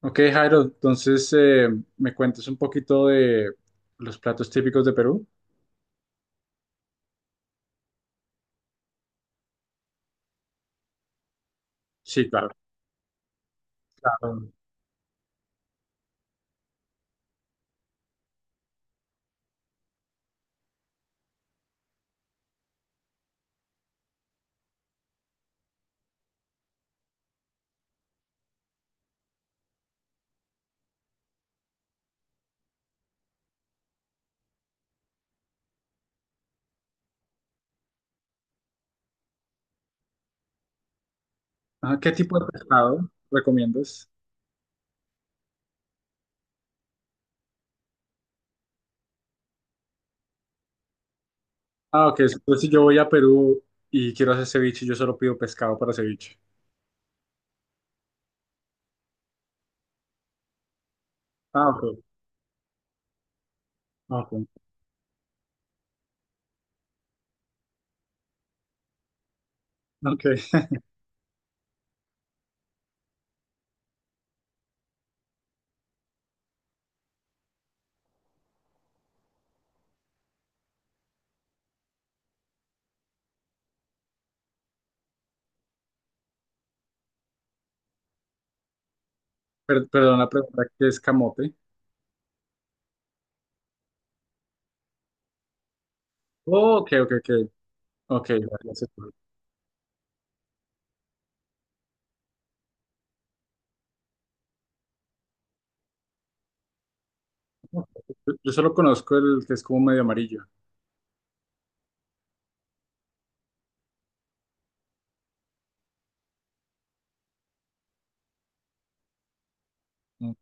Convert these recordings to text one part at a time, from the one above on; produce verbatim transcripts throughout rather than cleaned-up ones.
Ok, Jairo, entonces eh, me cuentes un poquito de los platos típicos de Perú. Sí, claro. Claro. Ah, ¿qué tipo de pescado recomiendas? Ah, ok, entonces si yo voy a Perú y quiero hacer ceviche, yo solo pido pescado para ceviche. Ah, ok, ok, ok. Per- perdón la pregunta, ¿qué es camote? Oh, ok, ok, ok. Ok, ya- ya sé cuál. Yo solo conozco el que es como medio amarillo. Mm.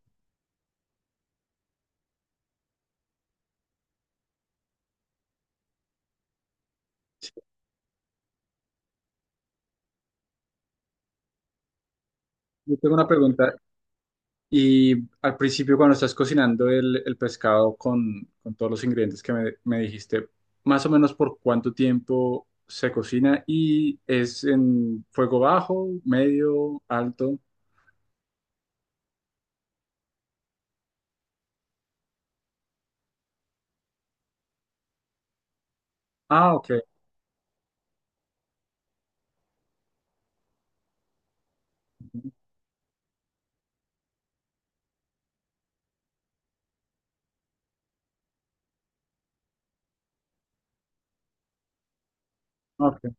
Sí. Yo tengo una pregunta. Y al principio, cuando estás cocinando el, el pescado con, con todos los ingredientes que me, me dijiste, más o menos por cuánto tiempo se cocina y es en fuego bajo, medio, alto. Ah, ok. Ok.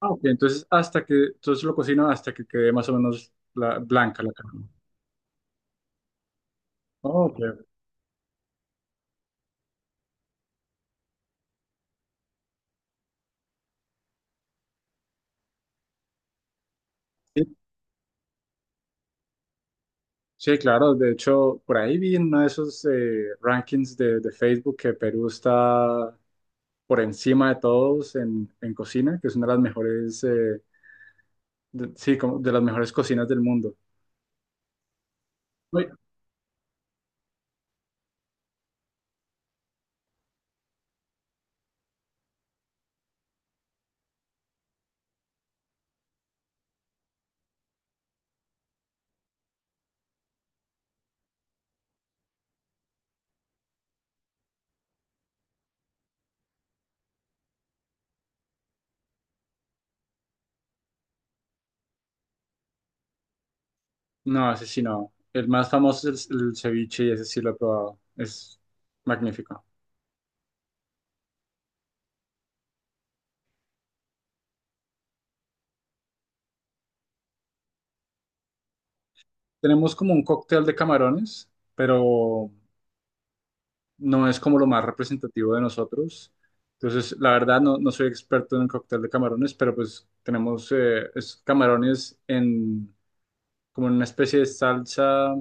Ah, ok. Entonces, hasta que, entonces lo cocino hasta que quede más o menos la, blanca la carne. Oh, ok. Sí, sí, claro. De hecho, por ahí vi en uno de esos eh, rankings de, de Facebook que Perú está por encima de todos en, en cocina, que es una de las mejores, eh, de- sí, como de las mejores cocinas del mundo. Uy. No, ese sí no. El más famoso es el, el ceviche y ese sí lo he probado. Es magnífico. Tenemos como un cóctel de camarones, pero no es como lo más representativo de nosotros. Entonces, la verdad, no, no soy experto en el cóctel de camarones, pero pues tenemos eh, es camarones en como en una especie de salsa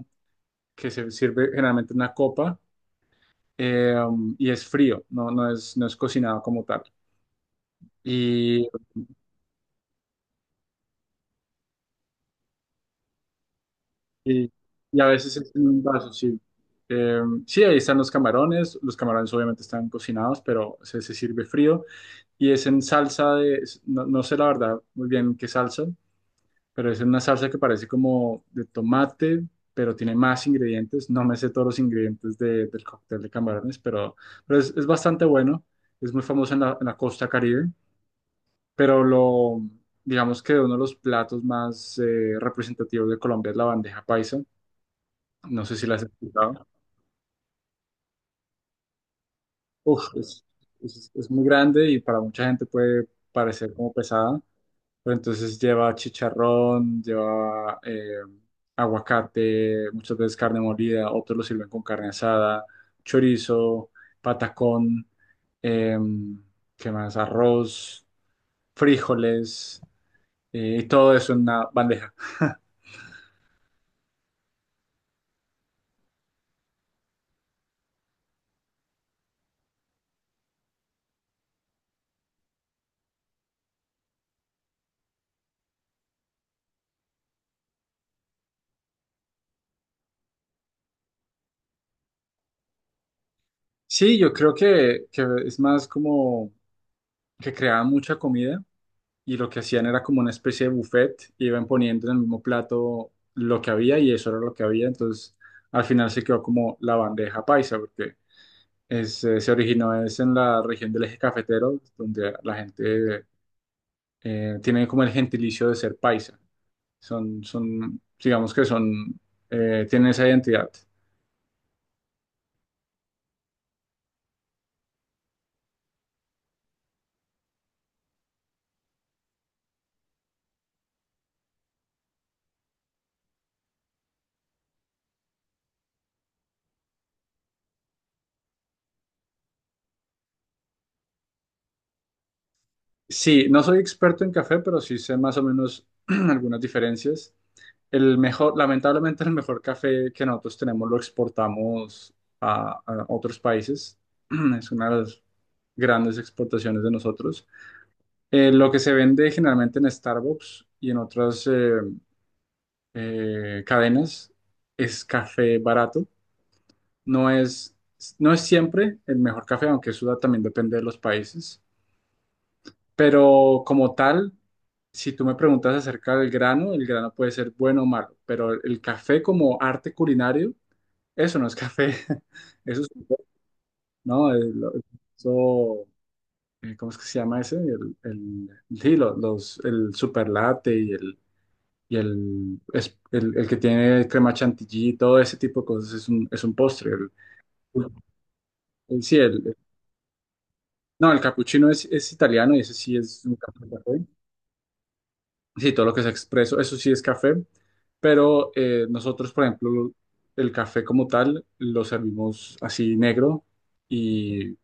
que se sirve generalmente en una copa eh, y es frío, no, no es, no es cocinado como tal. Y, y- y a veces es en un vaso, sí. Eh, sí, ahí están los camarones, los camarones obviamente están cocinados, pero se, se sirve frío y es en salsa de, es- no, no sé la verdad muy bien qué salsa, pero es en una salsa que parece como de tomate, pero tiene más ingredientes, no me sé todos los ingredientes de- del cóctel de camarones, pero, pero es, es bastante bueno, es muy famoso en la, en la costa Caribe, pero lo, digamos que uno de los platos más eh, representativos de Colombia es la bandeja paisa. No sé si la has escuchado. Uf, es, es- es muy grande y para mucha gente puede parecer como pesada, pero entonces lleva chicharrón, lleva eh, aguacate, muchas veces carne molida, otros lo sirven con carne asada, chorizo, patacón, em, ¿qué más? Arroz, frijoles, eh, y todo eso en una bandeja. Sí, yo creo que, que es más como que creaban mucha comida y lo que hacían era como una especie de buffet, iban poniendo en el mismo plato lo que había y eso era lo que había, entonces al final se quedó como la bandeja paisa, porque es, eh, se originó es en la región del eje cafetero, donde la gente eh, tiene como el gentilicio de ser paisa, son, son digamos que son, eh, tienen esa identidad. Sí, no soy experto en café, pero sí sé más o menos algunas diferencias. El mejor, lamentablemente, el mejor café que nosotros tenemos lo exportamos a, a otros países. Es una de las grandes exportaciones de nosotros. Eh, lo que se vende generalmente en Starbucks y en otras eh, eh, cadenas es café barato. No es, no es siempre el mejor café, aunque eso también depende de los países. Pero como tal, si tú me preguntas acerca del grano, el grano puede ser bueno o malo, pero el café como arte culinario, eso no es café, eso es, no, el- eso, eh, ¿cómo es que se llama ese? El, el, sí, lo- los, el super latte y el, y el, es- el, el que tiene crema chantilly, todo ese tipo de cosas es un, es un postre. El, el- sí, el, no, el capuchino es, es italiano y ese sí es un café. Sí, todo lo que sea expreso, eso sí es café, pero eh, nosotros, por ejemplo, el café como tal lo servimos así negro y,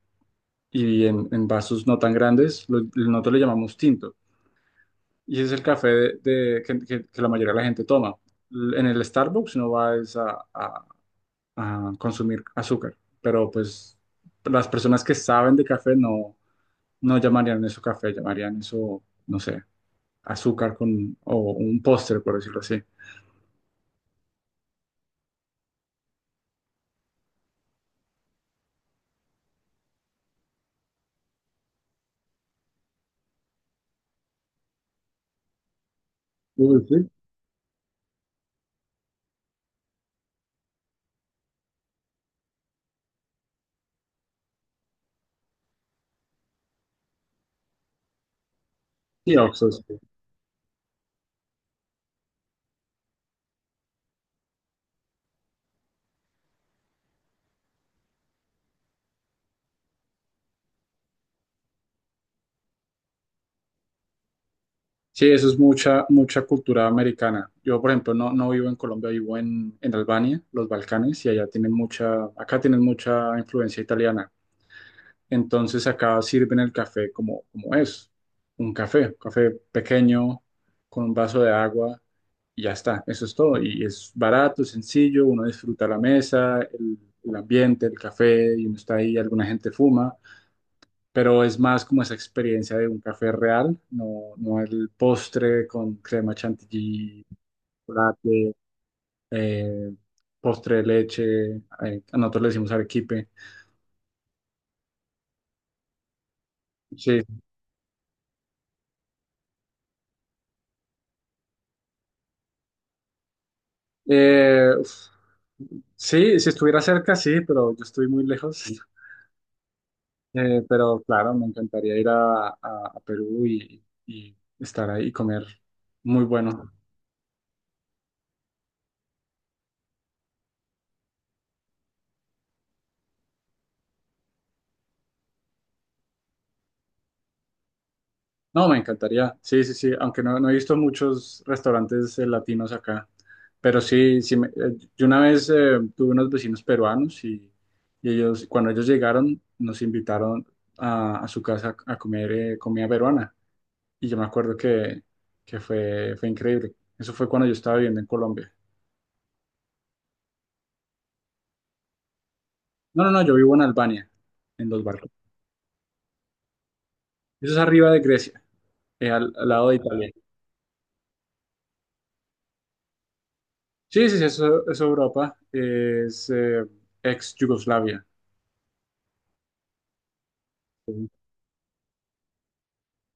y en, en vasos no tan grandes, lo- nosotros le llamamos tinto. Y ese es el café de, de- que, que- que la mayoría de la gente toma. L- En el Starbucks no vas a, a- a consumir azúcar, pero pues las personas que saben de café no, no llamarían eso café, llamarían eso, no sé, azúcar con, o un póster, por decirlo así. Uy, sí. Sí, Oxxo, sí. Sí, eso es mucha, mucha cultura americana. Yo, por ejemplo, no, no vivo en Colombia, vivo en, en Albania, los Balcanes, y allá tienen mucha, acá tienen mucha influencia italiana. Entonces acá sirven el café como, como es, un café, café pequeño, con un vaso de agua, y ya está, eso es todo. Y es barato, sencillo, uno disfruta la mesa, el, el ambiente, el café, y uno está ahí, alguna gente fuma, pero es más como esa experiencia de un café real, no, no el postre con crema chantilly, chocolate, eh, postre de leche, eh, a nosotros le decimos arequipe. Sí. Eh, uf, sí, si estuviera cerca, sí, pero yo estoy muy lejos. Eh, pero claro, me encantaría ir a, a- a Perú y, y estar ahí y comer muy bueno. No, me encantaría. Sí, sí, sí. Aunque no, no he visto muchos restaurantes eh, latinos acá. Pero sí, sí me- eh, yo una vez eh, tuve unos vecinos peruanos y, y ellos, cuando ellos llegaron, nos invitaron a, a su casa a comer eh, comida peruana. Y yo me acuerdo que, que fue, fue increíble. Eso fue cuando yo estaba viviendo en Colombia. No, no, no, yo vivo en Albania, en los barcos. Eso es arriba de Grecia, eh, al, al lado de Italia. Sí, sí, sí, eso, eso Europa es eh, ex Yugoslavia.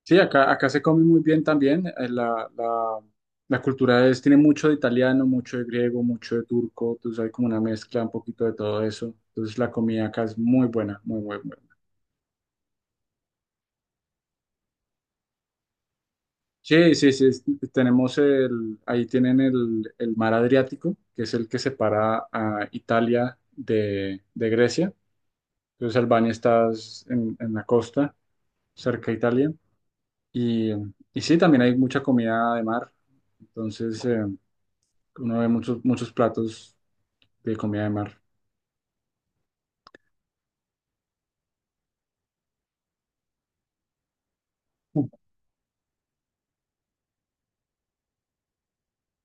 Sí, acá, acá se come muy bien también. eh, La, la, la cultura es, tiene mucho de italiano, mucho de griego, mucho de turco. Entonces hay como una mezcla un poquito de todo eso. Entonces la comida acá es muy buena, muy, muy buena. Sí, sí, sí. es- Tenemos el, ahí tienen el, el mar Adriático, que es el que separa a Italia de, de Grecia. Entonces Albania está en, en la costa, cerca de Italia. Y, y sí, también hay mucha comida de mar. Entonces eh, uno ve muchos, muchos platos de comida de mar.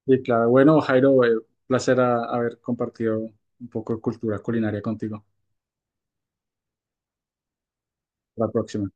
Y claro, bueno, Jairo, eh, placer a- haber compartido un poco de cultura culinaria contigo. La próxima.